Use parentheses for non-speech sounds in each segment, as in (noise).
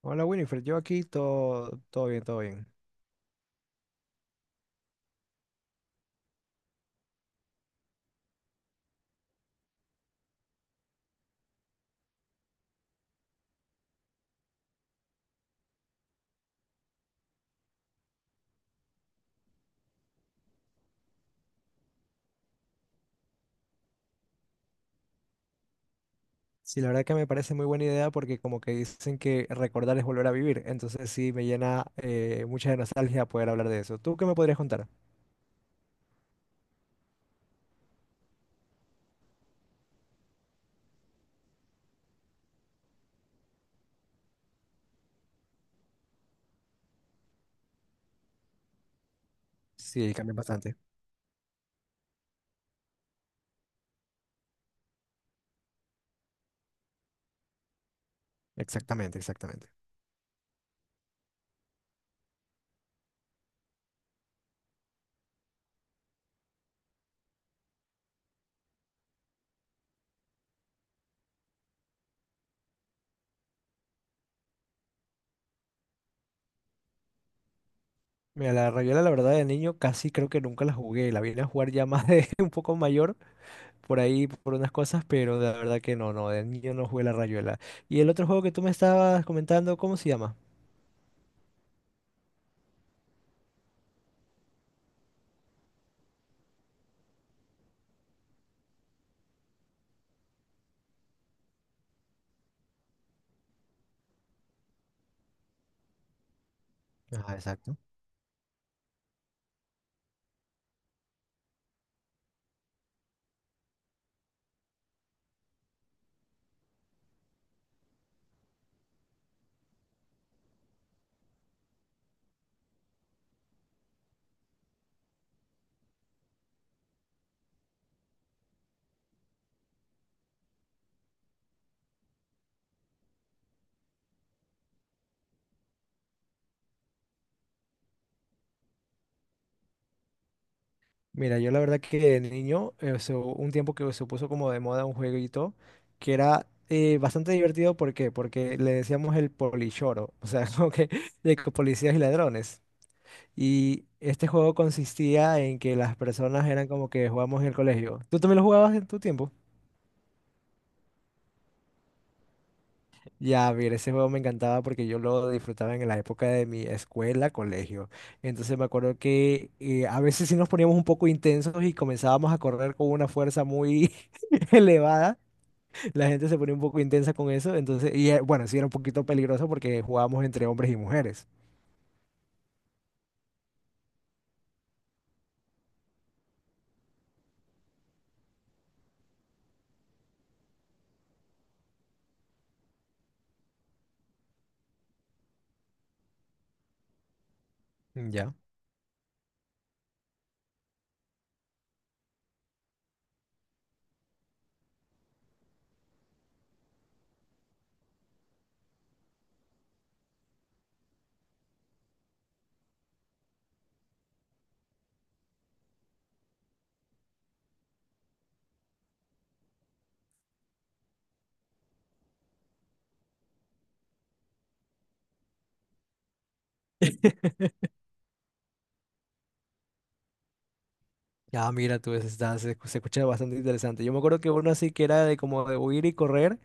Hola Winifred, yo aquí todo, todo bien, todo bien. Sí, la verdad que me parece muy buena idea porque como que dicen que recordar es volver a vivir, entonces sí me llena mucha de nostalgia poder hablar de eso. ¿Tú qué me podrías contar? Sí, cambian bastante. Exactamente, exactamente. Mira, la Rayuela, la verdad, de niño casi creo que nunca la jugué, la vine a jugar ya más de (laughs) un poco mayor, por ahí, por unas cosas, pero la verdad que no, no, de niño no jugué la Rayuela. ¿Y el otro juego que tú me estabas comentando, cómo se llama? Ah, exacto. Mira, yo la verdad que de niño, un tiempo que se puso como de moda un jueguito que era bastante divertido, ¿por qué? Porque le decíamos el polichoro, o sea, (laughs) como que de que policías y ladrones. Y este juego consistía en que las personas eran como que jugábamos en el colegio. ¿Tú también lo jugabas en tu tiempo? Ya, mira, ese juego me encantaba porque yo lo disfrutaba en la época de mi escuela, colegio. Entonces me acuerdo que a veces sí nos poníamos un poco intensos y comenzábamos a correr con una fuerza muy (laughs) elevada. La gente se ponía un poco intensa con eso. Entonces, y bueno, sí era un poquito peligroso porque jugábamos entre hombres y mujeres. Ya. Ya, mira, tú, ese está- se escucha bastante interesante. Yo me acuerdo que uno así que era de como de huir y correr,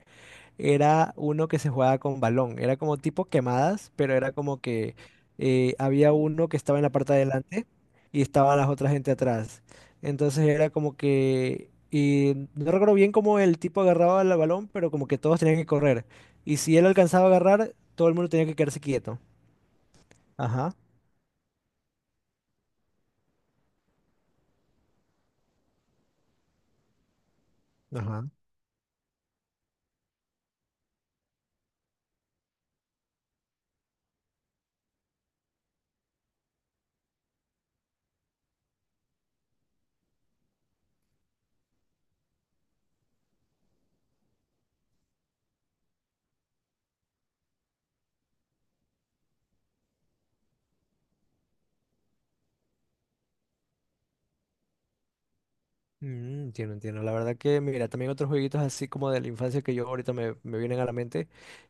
era uno que se jugaba con balón. Era como tipo quemadas, pero era como que había uno que estaba en la parte de adelante y estaban las otras gente atrás. Entonces era como que... Y no recuerdo bien cómo el tipo agarraba el balón, pero como que todos tenían que correr. Y si él alcanzaba a agarrar, todo el mundo tenía que quedarse quieto. Ajá. Ajá. Mm, entiendo, entiendo. La verdad que, mira, también otros jueguitos así como de la infancia que yo ahorita me vienen a la mente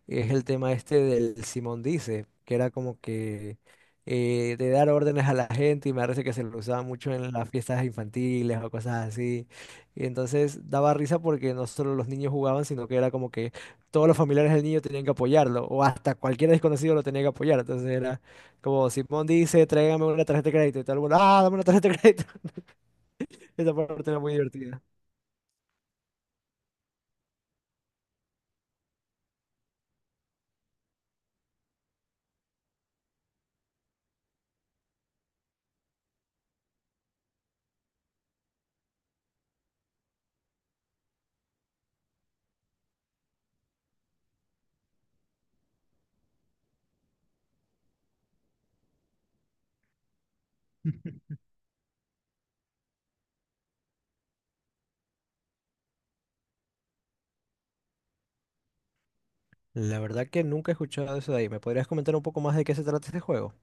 es el tema este del Simón Dice, que era como que de dar órdenes a la gente y me parece que se lo usaba mucho en las fiestas infantiles o cosas así. Y entonces daba risa porque no solo los niños jugaban, sino que era como que todos los familiares del niño tenían que apoyarlo o hasta cualquier desconocido lo tenía que apoyar. Entonces era como Simón Dice, tráigame una tarjeta de crédito y todo el mundo, ah, dame una tarjeta de crédito. (laughs) Esa parte era muy divertida. La verdad que nunca he escuchado eso de ahí. ¿Me podrías comentar un poco más de qué se trata este juego?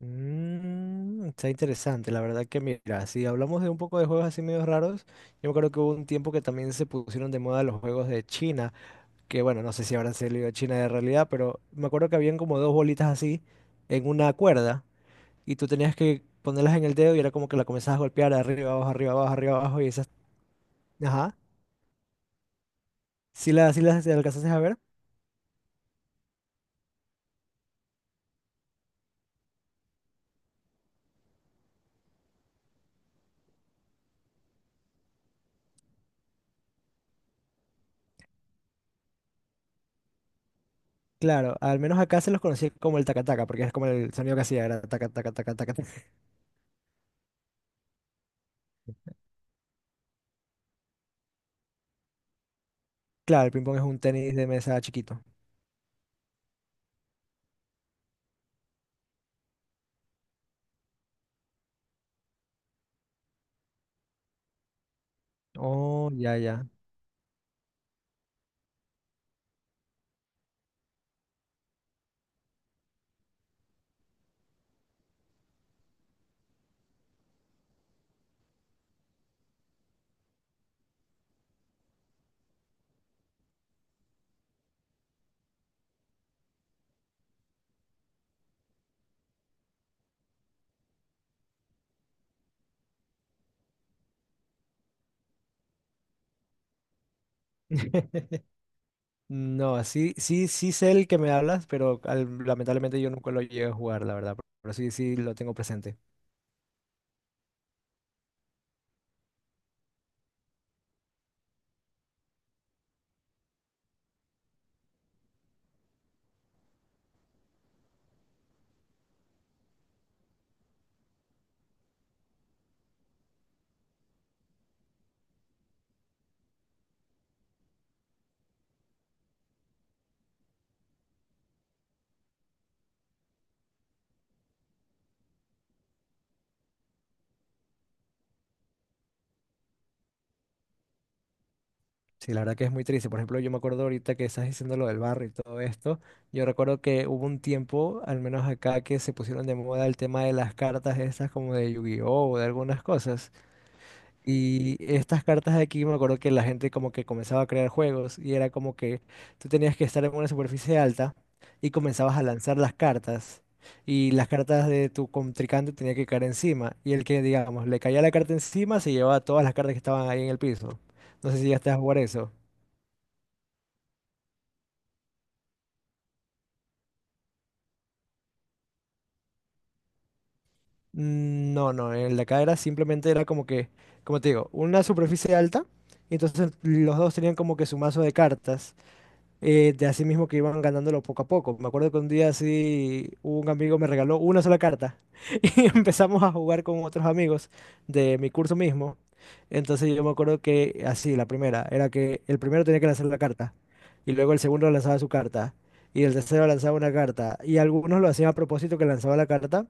Mm, está interesante. La verdad que mira, si hablamos de un poco de juegos así medio raros, yo me acuerdo que hubo un tiempo que también se pusieron de moda los juegos de China, que bueno, no sé si habrán salido de China de realidad, pero me acuerdo que habían como dos bolitas así en una cuerda y tú tenías que ponerlas en el dedo y era como que la comenzabas a golpear de arriba, abajo, arriba, abajo, arriba, abajo y esas... Ajá. Sí alcanzaste a ver? Claro, al menos acá se los conocía como el tacataca, porque es como el sonido que hacía, era taca, taca, taca, taca, taca. Claro, el ping-pong es un tenis de mesa chiquito. Oh, ya, ya. (laughs) No, sí, sí, sí sé el que me hablas, pero lamentablemente yo nunca lo llegué a jugar, la verdad. Pero sí, sí lo tengo presente. Sí, la verdad que es muy triste. Por ejemplo, yo me acuerdo ahorita que estás diciendo lo del barrio y todo esto. Yo recuerdo que hubo un tiempo, al menos acá, que se pusieron de moda el tema de las cartas estas como de Yu-Gi-Oh! O de algunas cosas. Y estas cartas de aquí me acuerdo que la gente como que comenzaba a crear juegos y era como que tú tenías que estar en una superficie alta y comenzabas a lanzar las cartas y las cartas de tu contrincante tenía que caer encima y el que digamos le caía la carta encima se llevaba todas las cartas que estaban ahí en el piso. No sé si ya estás a jugar eso. Mm, no, no, en la acá era simplemente era como que, como te digo, una superficie alta y entonces los dos tenían como que su mazo de cartas de así mismo que iban ganándolo poco a poco. Me acuerdo que un día así un amigo me regaló una sola carta (laughs) y empezamos a jugar con otros amigos de mi curso mismo. Entonces yo me acuerdo que así, la primera, era que el primero tenía que lanzar la carta y luego el segundo lanzaba su carta y el tercero lanzaba una carta y algunos lo hacían a propósito que lanzaba la carta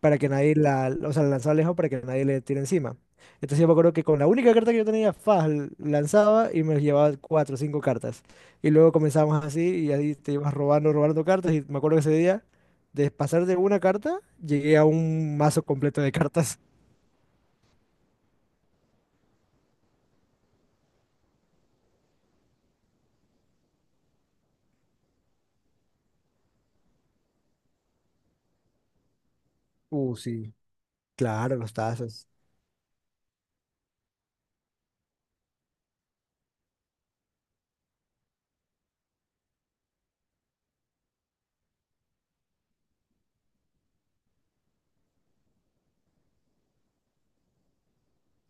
para que nadie la, o sea, la lanzaba lejos para que nadie le tire encima. Entonces yo me acuerdo que con la única carta que yo tenía, Faz lanzaba y me llevaba cuatro o cinco cartas. Y luego comenzábamos así y ahí te ibas robando, robando cartas. Y me acuerdo que ese día, de pasar de una carta, llegué a un mazo completo de cartas. Sí, claro, los tazos.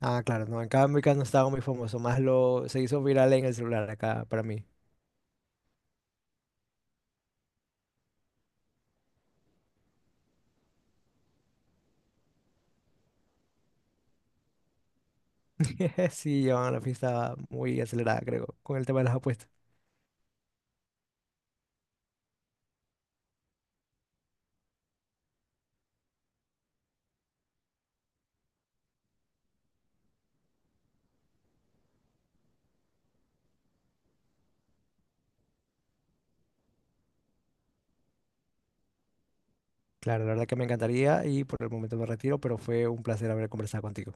Ah, claro, no, acá en cambio acá no estaba muy famoso, más lo se hizo viral en el celular acá para mí. (laughs) Sí, llevaban la fiesta muy acelerada, creo, con el tema de las apuestas. Claro, la verdad que me encantaría y por el momento me retiro, pero fue un placer haber conversado contigo.